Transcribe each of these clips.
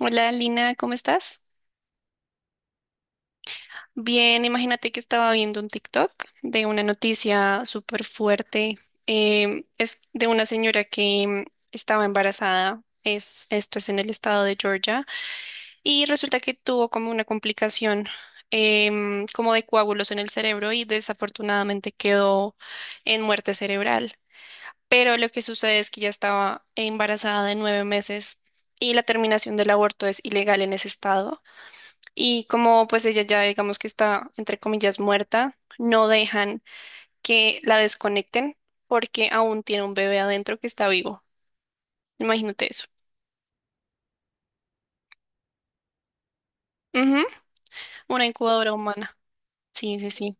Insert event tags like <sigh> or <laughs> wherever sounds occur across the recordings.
Hola Lina, ¿cómo estás? Bien, imagínate que estaba viendo un TikTok de una noticia súper fuerte. Es de una señora que estaba embarazada, esto es en el estado de Georgia, y resulta que tuvo como una complicación como de coágulos en el cerebro y desafortunadamente quedó en muerte cerebral. Pero lo que sucede es que ya estaba embarazada de 9 meses y la terminación del aborto es ilegal en ese estado. Y como pues ella ya digamos que está entre comillas muerta, no dejan que la desconecten porque aún tiene un bebé adentro que está vivo. Imagínate eso. Ujú. Una incubadora humana. Sí, sí, sí.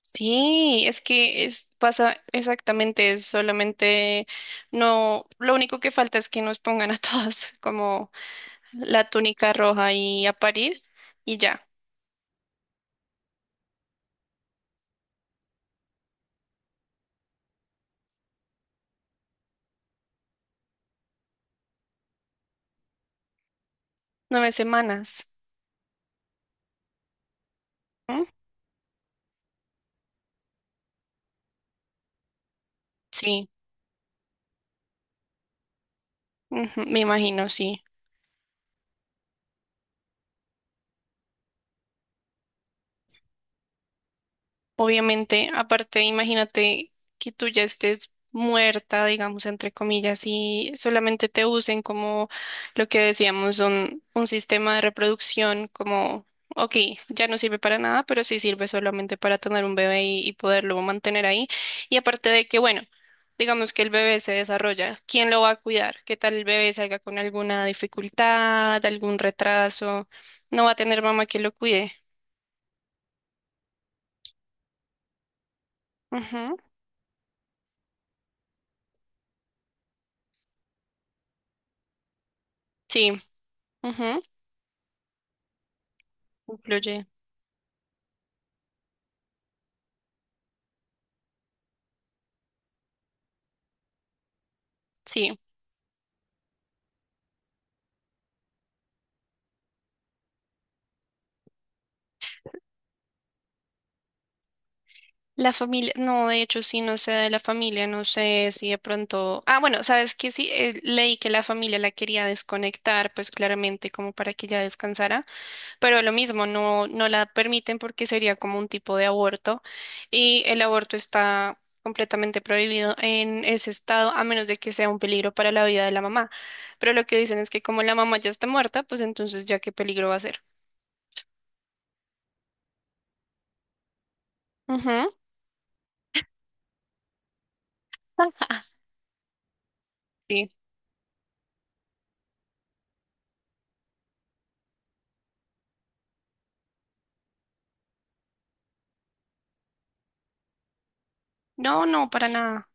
Sí, es que es, pasa exactamente, es solamente no, lo único que falta es que nos pongan a todas <laughs> como la túnica roja y a parir y ya, 9 semanas. ¿Mm? Sí, ujú, me imagino, sí. Obviamente, aparte, imagínate que tú ya estés muerta, digamos, entre comillas, y solamente te usen como lo que decíamos, un sistema de reproducción, como, ok, ya no sirve para nada, pero sí sirve solamente para tener un bebé y poderlo mantener ahí. Y aparte de que, bueno, digamos que el bebé se desarrolla, ¿quién lo va a cuidar? ¿Qué tal el bebé salga con alguna dificultad, algún retraso? No va a tener mamá que lo cuide. Ujú. Sí, ujú, influye. Sí, la familia, no, de hecho sí, no sé de la familia, no sé si de pronto, ah, bueno, sabes que sí, leí que la familia la quería desconectar, pues claramente como para que ella descansara, pero lo mismo, no, no la permiten porque sería como un tipo de aborto y el aborto está completamente prohibido en ese estado a menos de que sea un peligro para la vida de la mamá, pero lo que dicen es que como la mamá ya está muerta, pues entonces ya qué peligro va a ser. Ujú, sí. No, no, para nada.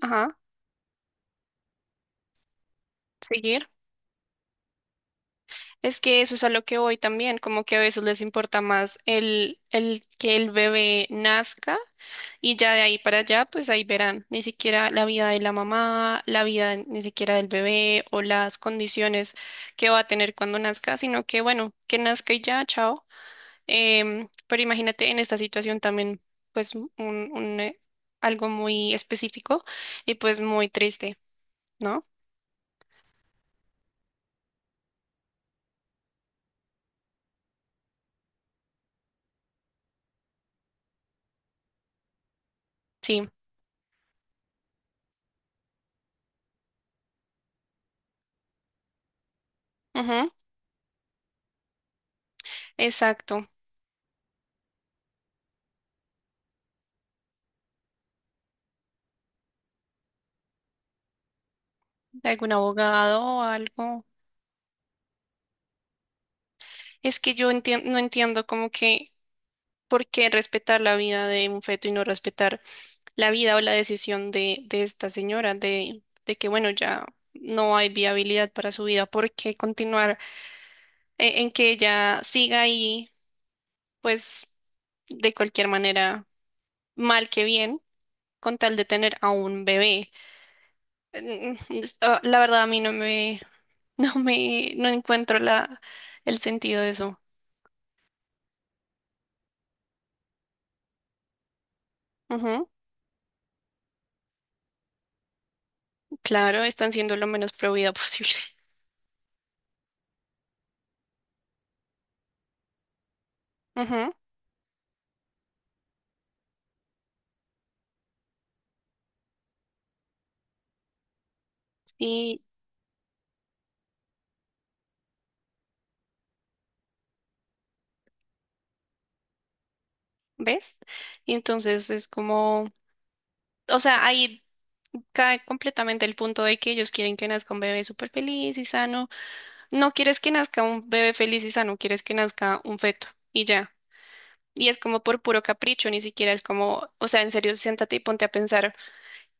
Ajá, seguir. Es que eso es a lo que voy también, como que a veces les importa más el que el bebé nazca y ya de ahí para allá, pues ahí verán, ni siquiera la vida de la mamá, la vida ni siquiera del bebé o las condiciones que va a tener cuando nazca, sino que bueno, que nazca y ya, chao. Pero imagínate en esta situación también, pues algo muy específico y pues muy triste, ¿no? Sí, ujú, exacto. De algún abogado o algo. Es que no entiendo como que por qué respetar la vida de un feto y no respetar la vida o la decisión de esta señora, de que bueno, ya no hay viabilidad para su vida, ¿por qué continuar en que ella siga ahí, pues de cualquier manera, mal que bien, con tal de tener a un bebé? Mm, mm, La verdad a mí <laughs> no encuentro la, el sentido de eso. Ujú. Claro, están siendo lo menos pro vida <laughs> posible. Ajá, y ves, y entonces es como, o sea, ahí cae completamente el punto de que ellos quieren que nazca un bebé súper feliz y sano. No quieres que nazca un bebé feliz y sano, quieres que nazca un feto y ya. Y es como por puro capricho, ni siquiera es como, o sea, en serio, siéntate y ponte a pensar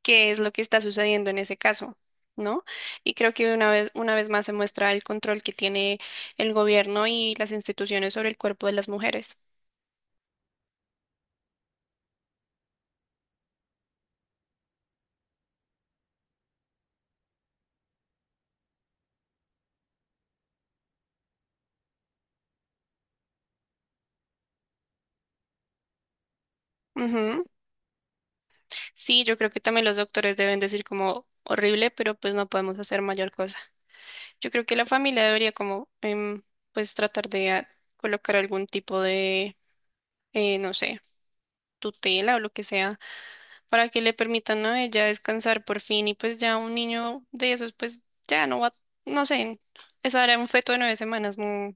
qué es lo que está sucediendo en ese caso, ¿no? Y creo que una vez más se muestra el control que tiene el gobierno y las instituciones sobre el cuerpo de las mujeres. Sí, yo creo que también los doctores deben decir como horrible, pero pues no podemos hacer mayor cosa. Yo creo que la familia debería como pues tratar de colocar algún tipo de, no sé, tutela o lo que sea para que le permitan a ella descansar por fin y pues ya un niño de esos pues ya no va, no sé, eso era un feto de 9 semanas, no,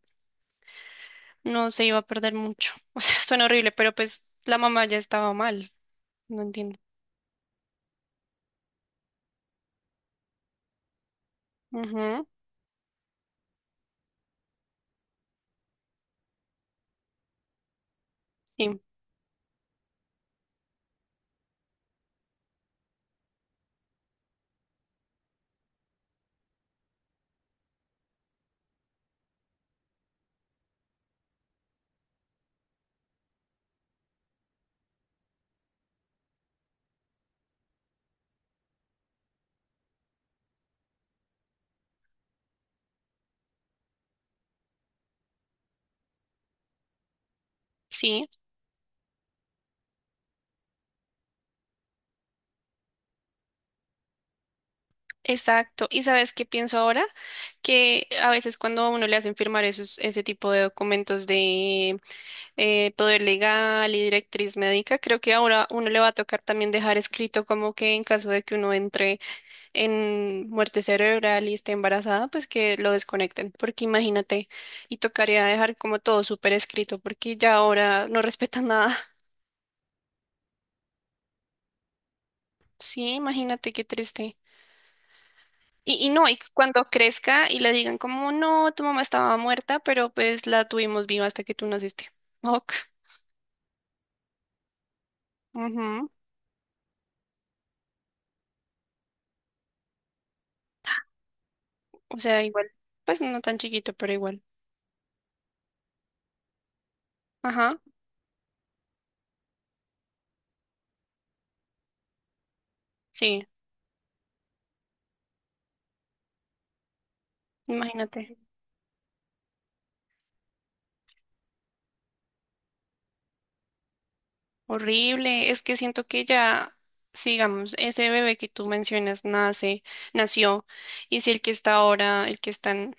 no se iba a perder mucho. <laughs> O sea, suena horrible, pero pues la mamá ya estaba mal, no entiendo. Ujú. Sí, sí. Exacto. ¿Y sabes qué pienso ahora? Que a veces cuando a uno le hacen firmar esos, ese tipo de documentos de poder legal y directriz médica, creo que ahora uno le va a tocar también dejar escrito como que en caso de que uno entre en muerte cerebral y esté embarazada, pues que lo desconecten, porque imagínate, y tocaría dejar como todo súper escrito, porque ya ahora no respetan nada. <laughs> Sí, imagínate qué triste. Y no, y cuando crezca y le digan como, no, tu mamá estaba muerta, pero pues la tuvimos viva hasta que tú naciste. Ok. Ujú. O sea, igual, pues no tan chiquito, pero igual. Ajá, sí, imagínate. Horrible, es que siento que ya, sigamos, ese bebé que tú mencionas nace, nació, y si el que está ahora, el que están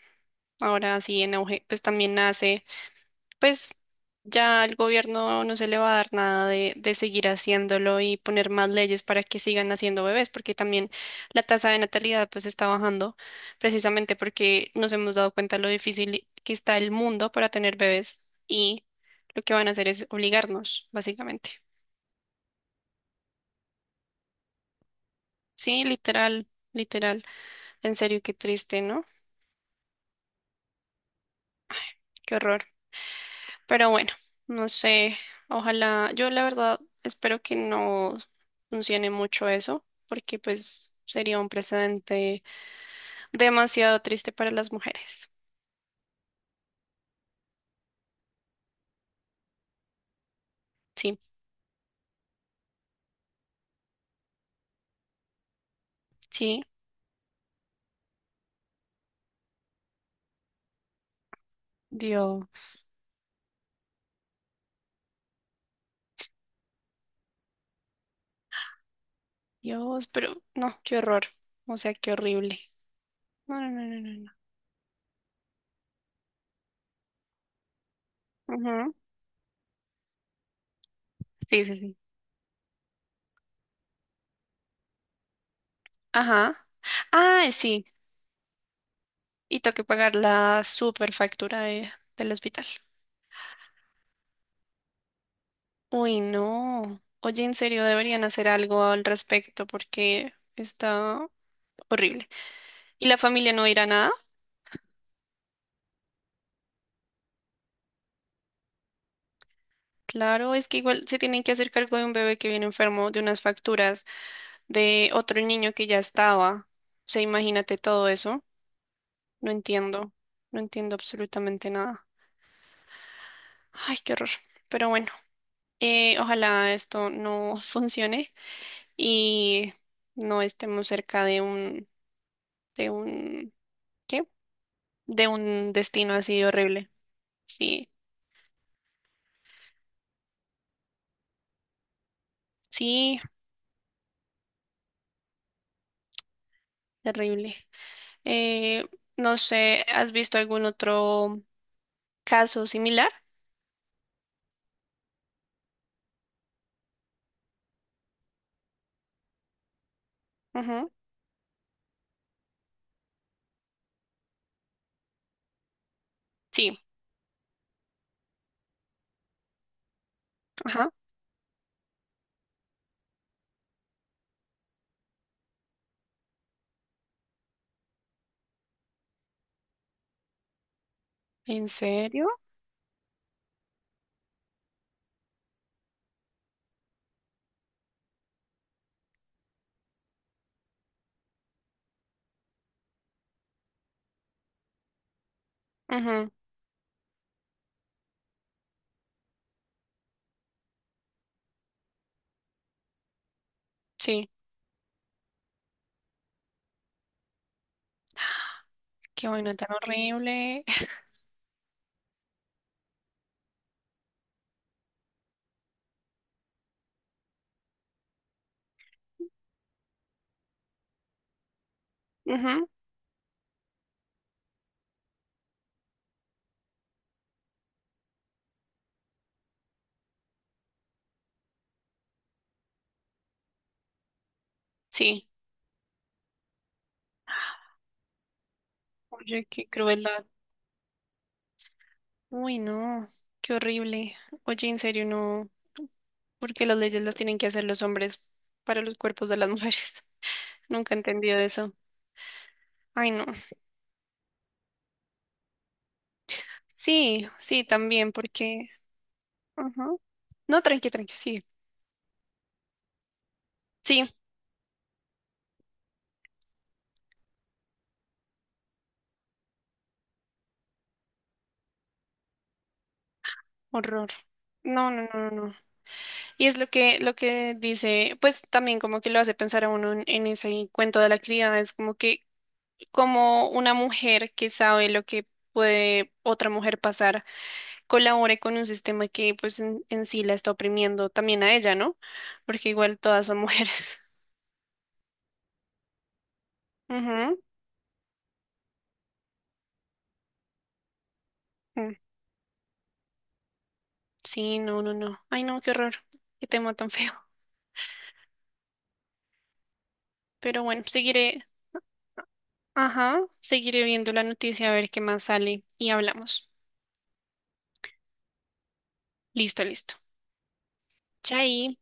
ahora así en auge, pues también nace. Pues ya al gobierno no se le va a dar nada de seguir haciéndolo y poner más leyes para que sigan haciendo bebés, porque también la tasa de natalidad pues está bajando, precisamente porque nos hemos dado cuenta lo difícil que está el mundo para tener bebés y lo que van a hacer es obligarnos, básicamente. Sí, literal, literal. En serio, qué triste, ¿no? Qué horror. Pero bueno, no sé, ojalá, yo la verdad espero que no funcione mucho eso, porque pues sería un precedente demasiado triste para las mujeres. Sí, sí, Dios, Dios, pero no, qué horror, o sea, qué horrible. No, no, no, no, no. No. Ujú. Sí, sí, sí. Ajá. Ah, sí, y tengo que pagar la superfactura de, del hospital. Uy, no. Oye, en serio, deberían hacer algo al respecto porque está horrible. ¿Y la familia no dirá nada? Claro, es que igual se tienen que hacer cargo de un bebé que viene enfermo, de unas facturas, de otro niño que ya estaba. O sea, imagínate todo eso. No entiendo. No entiendo absolutamente nada. Ay, qué horror. Pero bueno, ojalá esto no <laughs> funcione y no estemos cerca de un, ¿qué? De un destino así horrible. Sí, sí, terrible. Eh, no sé, ¿has visto algún otro caso similar? Ujú. Sí, ajá. ¿En serio? Ujú. Sí, qué bueno, tan horrible. <laughs> Ujú. Sí, oye, qué crueldad. Uy, no, qué horrible. Oye, en serio, no, porque las leyes las tienen que hacer los hombres para los cuerpos de las mujeres. <laughs> Nunca he entendido eso. Ay, no. Sí, sí, también, porque... ujú. No, tranqui, tranqui, sí. Sí, horror. No, no, no, no. No. Y es lo que dice, pues también como que lo hace pensar a uno en ese cuento de la criada, es como que como una mujer que sabe lo que puede otra mujer pasar, colabore con un sistema que pues en sí la está oprimiendo también a ella, ¿no? Porque igual todas son mujeres. <laughs> Ujú. Mm. Sí, no, no, no. Ay, no, qué horror. Qué tema tan feo. Pero bueno, seguiré, ajá, seguiré viendo la noticia a ver qué más sale y hablamos. Listo, listo. Chai.